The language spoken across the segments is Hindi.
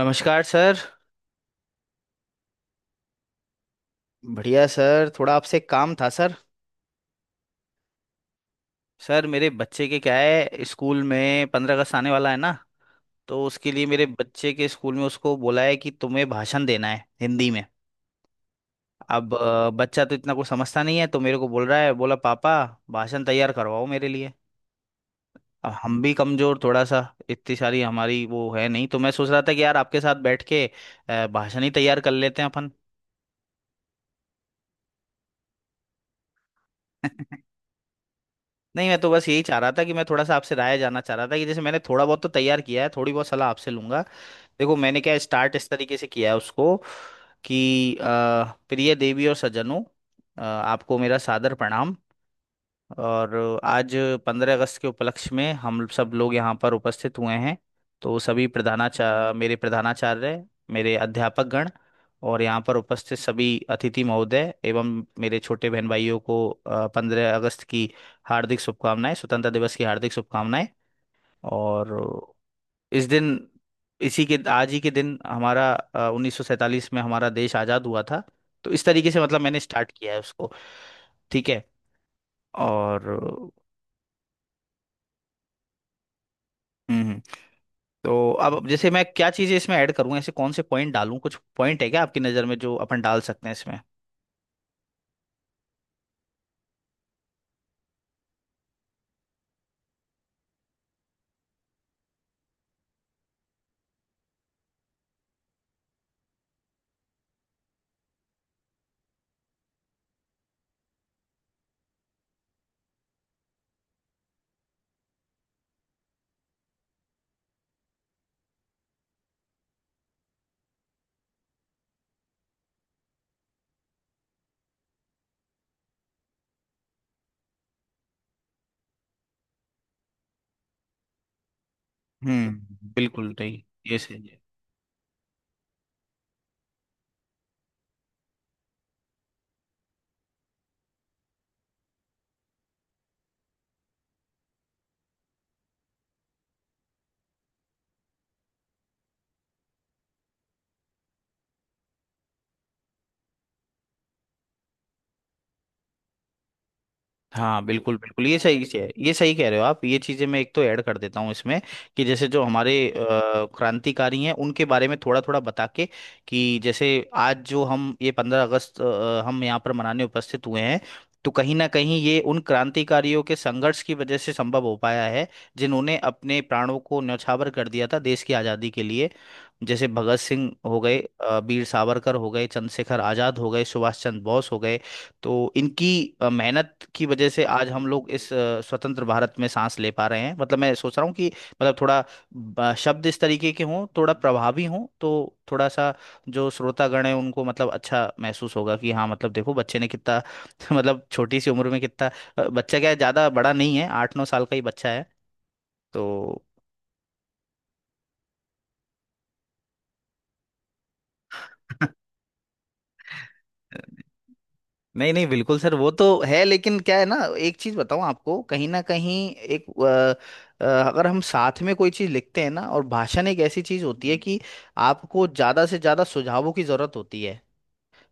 नमस्कार सर। बढ़िया सर थोड़ा आपसे एक काम था सर। सर मेरे बच्चे के क्या है, स्कूल में 15 अगस्त आने वाला है ना। तो उसके लिए मेरे बच्चे के स्कूल में उसको बोला है कि तुम्हें भाषण देना है हिंदी में। अब बच्चा तो इतना कुछ समझता नहीं है तो मेरे को बोल रहा है, बोला पापा भाषण तैयार करवाओ मेरे लिए। अब हम भी कमजोर थोड़ा सा, इतनी सारी हमारी वो है नहीं, तो मैं सोच रहा था कि यार आपके साथ बैठ के भाषण ही तैयार कर लेते हैं अपन। नहीं मैं तो बस यही चाह रहा था कि मैं थोड़ा सा आपसे राय जानना चाह रहा था कि जैसे मैंने थोड़ा बहुत तो तैयार किया है, थोड़ी बहुत सलाह आपसे लूंगा। देखो मैंने क्या स्टार्ट इस तरीके से किया है उसको, कि प्रिय देवी और सज्जनों, आपको मेरा सादर प्रणाम। और आज 15 अगस्त के उपलक्ष्य में हम सब लोग यहाँ पर उपस्थित हुए हैं, तो सभी प्रधानाचार्य, मेरे प्रधानाचार्य, मेरे अध्यापक गण और यहाँ पर उपस्थित सभी अतिथि महोदय एवं मेरे छोटे बहन भाइयों को 15 अगस्त की हार्दिक शुभकामनाएं, स्वतंत्रता दिवस की हार्दिक शुभकामनाएं। और इस दिन, इसी के आज ही के दिन हमारा 1947 में हमारा देश आज़ाद हुआ था। तो इस तरीके से मतलब मैंने स्टार्ट किया है उसको। ठीक है। और हम्म। हम्म। तो अब जैसे, मैं क्या चीजें इसमें ऐड करूँ, ऐसे कौन से पॉइंट डालूं, कुछ पॉइंट है क्या आपकी नजर में जो अपन डाल सकते हैं इसमें? बिल्कुल नहीं। ये सही है। हाँ बिल्कुल बिल्कुल, ये सही से है, ये सही कह रहे हो आप, ये चीजें मैं एक तो ऐड कर देता हूँ इसमें। कि जैसे जो हमारे क्रांतिकारी हैं उनके बारे में थोड़ा थोड़ा बता के, कि जैसे आज जो हम ये 15 अगस्त हम यहाँ पर मनाने उपस्थित हुए हैं, तो कहीं ना कहीं ये उन क्रांतिकारियों के संघर्ष की वजह से संभव हो पाया है, जिन्होंने अपने प्राणों को न्यौछावर कर दिया था देश की आज़ादी के लिए। जैसे भगत सिंह हो गए, वीर सावरकर हो गए, चंद्रशेखर आज़ाद हो गए, सुभाष चंद्र बोस हो गए। तो इनकी मेहनत की वजह से आज हम लोग इस स्वतंत्र भारत में सांस ले पा रहे हैं। मतलब मैं सोच रहा हूँ कि मतलब थोड़ा शब्द इस तरीके के हों, थोड़ा प्रभावी हों, तो थोड़ा सा जो श्रोतागण है उनको मतलब अच्छा महसूस होगा कि हाँ, मतलब देखो बच्चे ने कितना, मतलब छोटी सी उम्र में कितना, बच्चा क्या है, ज़्यादा बड़ा नहीं है, 8 9 साल का ही बच्चा है। तो नहीं नहीं, बिल्कुल सर, वो तो है, लेकिन क्या है ना, एक चीज बताऊं आपको, कहीं ना कहीं एक अ, अ, अगर हम साथ में कोई चीज लिखते हैं ना, और भाषण एक ऐसी चीज होती है कि आपको ज्यादा से ज्यादा सुझावों की जरूरत होती है,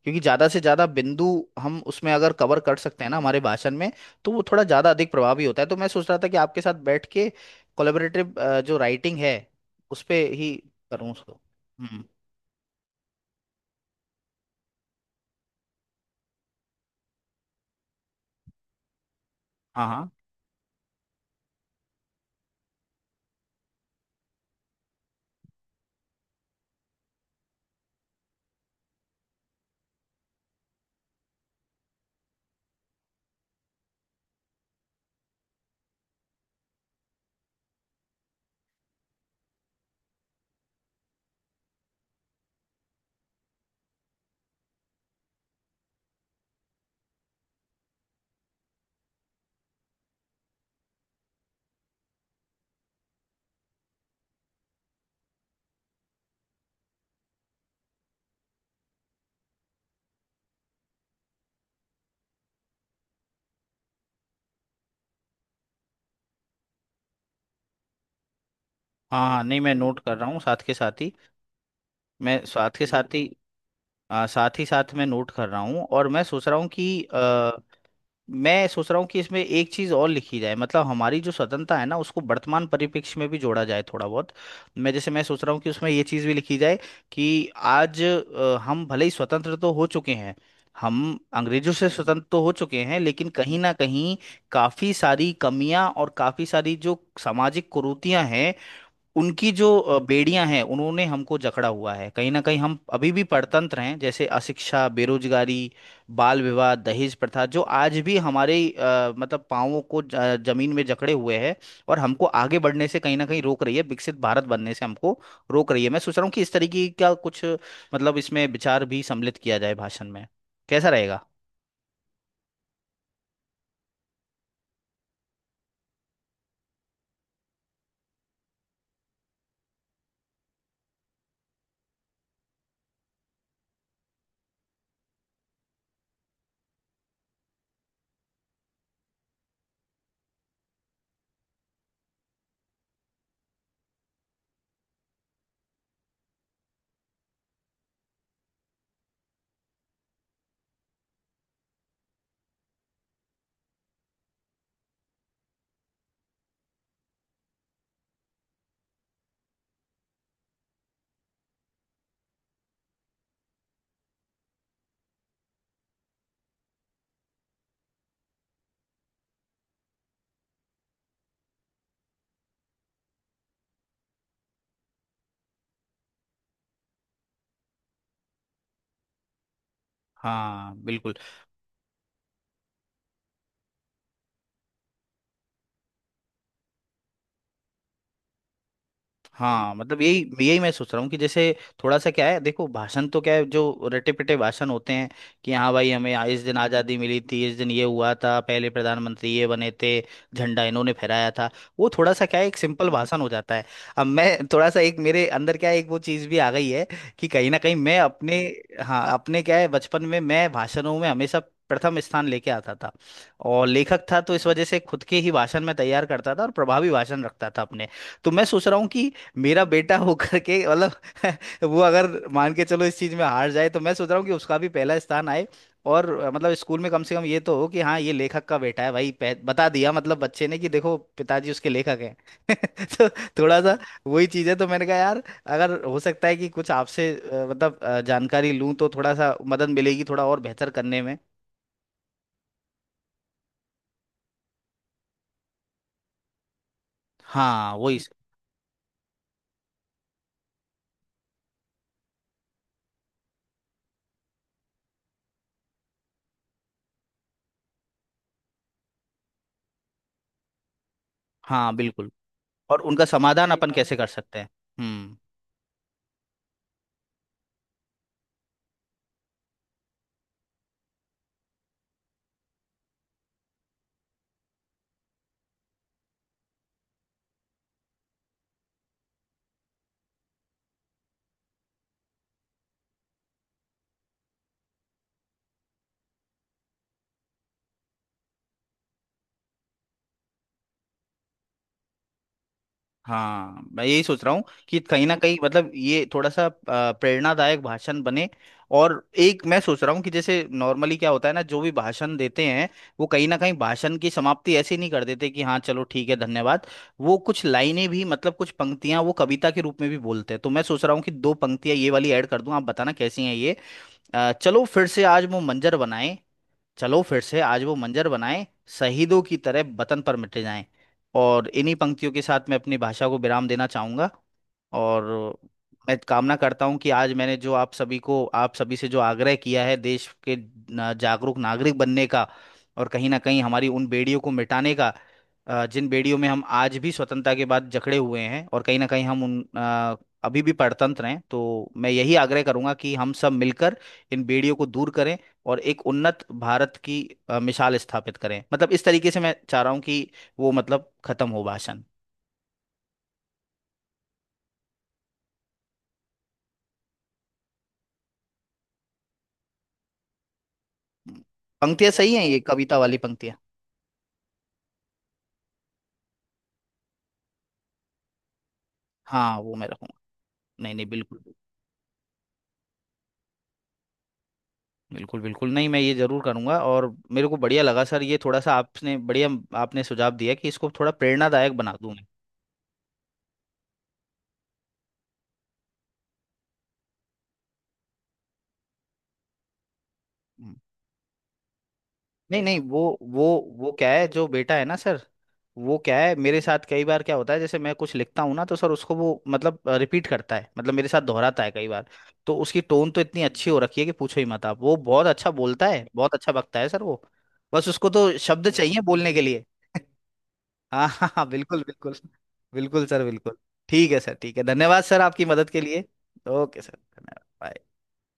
क्योंकि ज्यादा से ज्यादा बिंदु हम उसमें अगर कवर कर सकते हैं ना, हमारे भाषण में, तो वो थोड़ा ज्यादा अधिक प्रभावी होता है। तो मैं सोच रहा था कि आपके साथ बैठ के कोलेबरेटिव जो राइटिंग है उस पे ही करूँ उसको। हम्म। हाँ हाँ हाँ हाँ, नहीं मैं नोट कर रहा हूँ साथ के साथ ही। मैं साथ के साथ ही साथ ही साथ मैं नोट कर रहा हूँ, और मैं सोच रहा हूँ कि आ, मैं सोच रहा हूँ कि इसमें एक चीज़ और लिखी जाए। मतलब हमारी जो स्वतंत्रता है ना, उसको वर्तमान परिप्रेक्ष्य में भी जोड़ा जाए थोड़ा बहुत। मैं, जैसे मैं सोच रहा हूँ कि उसमें ये चीज़ भी लिखी जाए कि आज हम भले ही स्वतंत्र तो हो चुके हैं, हम अंग्रेजों से स्वतंत्र तो हो चुके हैं, लेकिन कहीं ना कहीं काफ़ी सारी कमियां और काफ़ी सारी जो सामाजिक कुरीतियां हैं, उनकी जो बेड़ियां हैं, उन्होंने हमको जकड़ा हुआ है, कहीं ना कहीं हम अभी भी परतंत्र हैं, जैसे अशिक्षा, बेरोजगारी, बाल विवाह, दहेज प्रथा जो आज भी हमारे मतलब पांवों को जमीन में जकड़े हुए है, और हमको आगे बढ़ने से कहीं ना कहीं रोक रही है, विकसित भारत बनने से हमको रोक रही है। मैं सोच रहा हूँ कि इस तरीके का कुछ मतलब इसमें विचार भी सम्मिलित किया जाए भाषण में, कैसा रहेगा? हाँ बिल्कुल। हाँ मतलब यही यही मैं सोच रहा हूँ कि जैसे थोड़ा सा क्या है, देखो भाषण तो क्या है, जो रटे पिटे भाषण होते हैं कि हाँ भाई, हमें इस दिन आज़ादी मिली थी, इस दिन ये हुआ था, पहले प्रधानमंत्री ये बने थे, झंडा इन्होंने फहराया था, वो थोड़ा सा क्या है, एक सिंपल भाषण हो जाता है। अब मैं थोड़ा सा, एक मेरे अंदर क्या है, एक वो चीज़ भी आ गई है कि कहीं ना कहीं मैं अपने, हाँ अपने क्या है, बचपन में मैं भाषणों में हमेशा प्रथम स्थान लेके आता था, और लेखक था तो इस वजह से खुद के ही भाषण में तैयार करता था और प्रभावी भाषण रखता था अपने। तो मैं सोच रहा हूँ कि मेरा बेटा होकर के मतलब वो, अगर मान के चलो इस चीज में हार जाए, तो मैं सोच रहा हूँ कि उसका भी पहला स्थान आए। और मतलब स्कूल में कम से कम ये तो हो कि हाँ ये लेखक का बेटा है भाई, बता दिया मतलब बच्चे ने कि देखो पिताजी उसके लेखक हैं। तो थोड़ा सा वही चीज है। तो मैंने कहा यार, अगर हो सकता है कि कुछ आपसे मतलब जानकारी लूँ, तो थोड़ा सा मदद मिलेगी थोड़ा और बेहतर करने में। हाँ वही। हाँ बिल्कुल। और उनका समाधान सही अपन बात कैसे कर सकते हैं? हम्म। हाँ मैं यही सोच रहा हूँ कि कहीं ना कहीं मतलब ये थोड़ा सा प्रेरणादायक भाषण बने। और एक मैं सोच रहा हूँ कि जैसे नॉर्मली क्या होता है ना, जो भी भाषण देते हैं वो कहीं ना कहीं भाषण की समाप्ति ऐसे नहीं कर देते कि हाँ चलो ठीक है, धन्यवाद। वो कुछ लाइनें भी मतलब कुछ पंक्तियां वो कविता के रूप में भी बोलते हैं, तो मैं सोच रहा हूँ कि दो पंक्तियां ये वाली ऐड कर दूं, आप बताना कैसी हैं ये। चलो फिर से आज वो मंजर बनाए, चलो फिर से आज वो मंजर बनाएं, शहीदों की तरह वतन पर मिटे जाएं। और इन्हीं पंक्तियों के साथ मैं अपनी भाषा को विराम देना चाहूंगा। और मैं कामना करता हूँ कि आज मैंने जो आप सभी को, आप सभी से जो आग्रह किया है देश के जागरूक नागरिक बनने का, और कहीं ना कहीं हमारी उन बेड़ियों को मिटाने का जिन बेड़ियों में हम आज भी स्वतंत्रता के बाद जकड़े हुए हैं, और कहीं ना कहीं हम उन अभी भी परतंत्र हैं। तो मैं यही आग्रह करूंगा कि हम सब मिलकर इन बेड़ियों को दूर करें और एक उन्नत भारत की मिसाल स्थापित करें। मतलब इस तरीके से मैं चाह रहा हूँ कि वो मतलब खत्म हो भाषण। पंक्तियां सही हैं ये कविता वाली पंक्तियां? हाँ वो मैं रखूंगा। नहीं नहीं बिल्कुल। बिल्कुल बिल्कुल, नहीं मैं ये जरूर करूंगा। और मेरे को बढ़िया लगा सर, ये थोड़ा सा आपने बढ़िया, आपने सुझाव दिया कि इसको थोड़ा प्रेरणादायक बना दूं मैं। हम्म। नहीं नहीं वो क्या है, जो बेटा है ना सर, वो क्या है, मेरे साथ कई बार क्या होता है, जैसे मैं कुछ लिखता हूँ ना तो सर उसको, वो मतलब रिपीट करता है, मतलब मेरे साथ दोहराता है कई बार। तो उसकी टोन तो इतनी अच्छी हो रखी है कि पूछो ही मत आप, वो बहुत अच्छा बोलता है, बहुत अच्छा बकता है सर वो। बस उसको तो शब्द चाहिए बोलने के लिए। हाँ हाँ हाँ बिल्कुल बिल्कुल। बिल्कुल सर बिल्कुल। ठीक है सर, ठीक है, धन्यवाद सर आपकी मदद के लिए। ओके सर धन्यवाद बाय।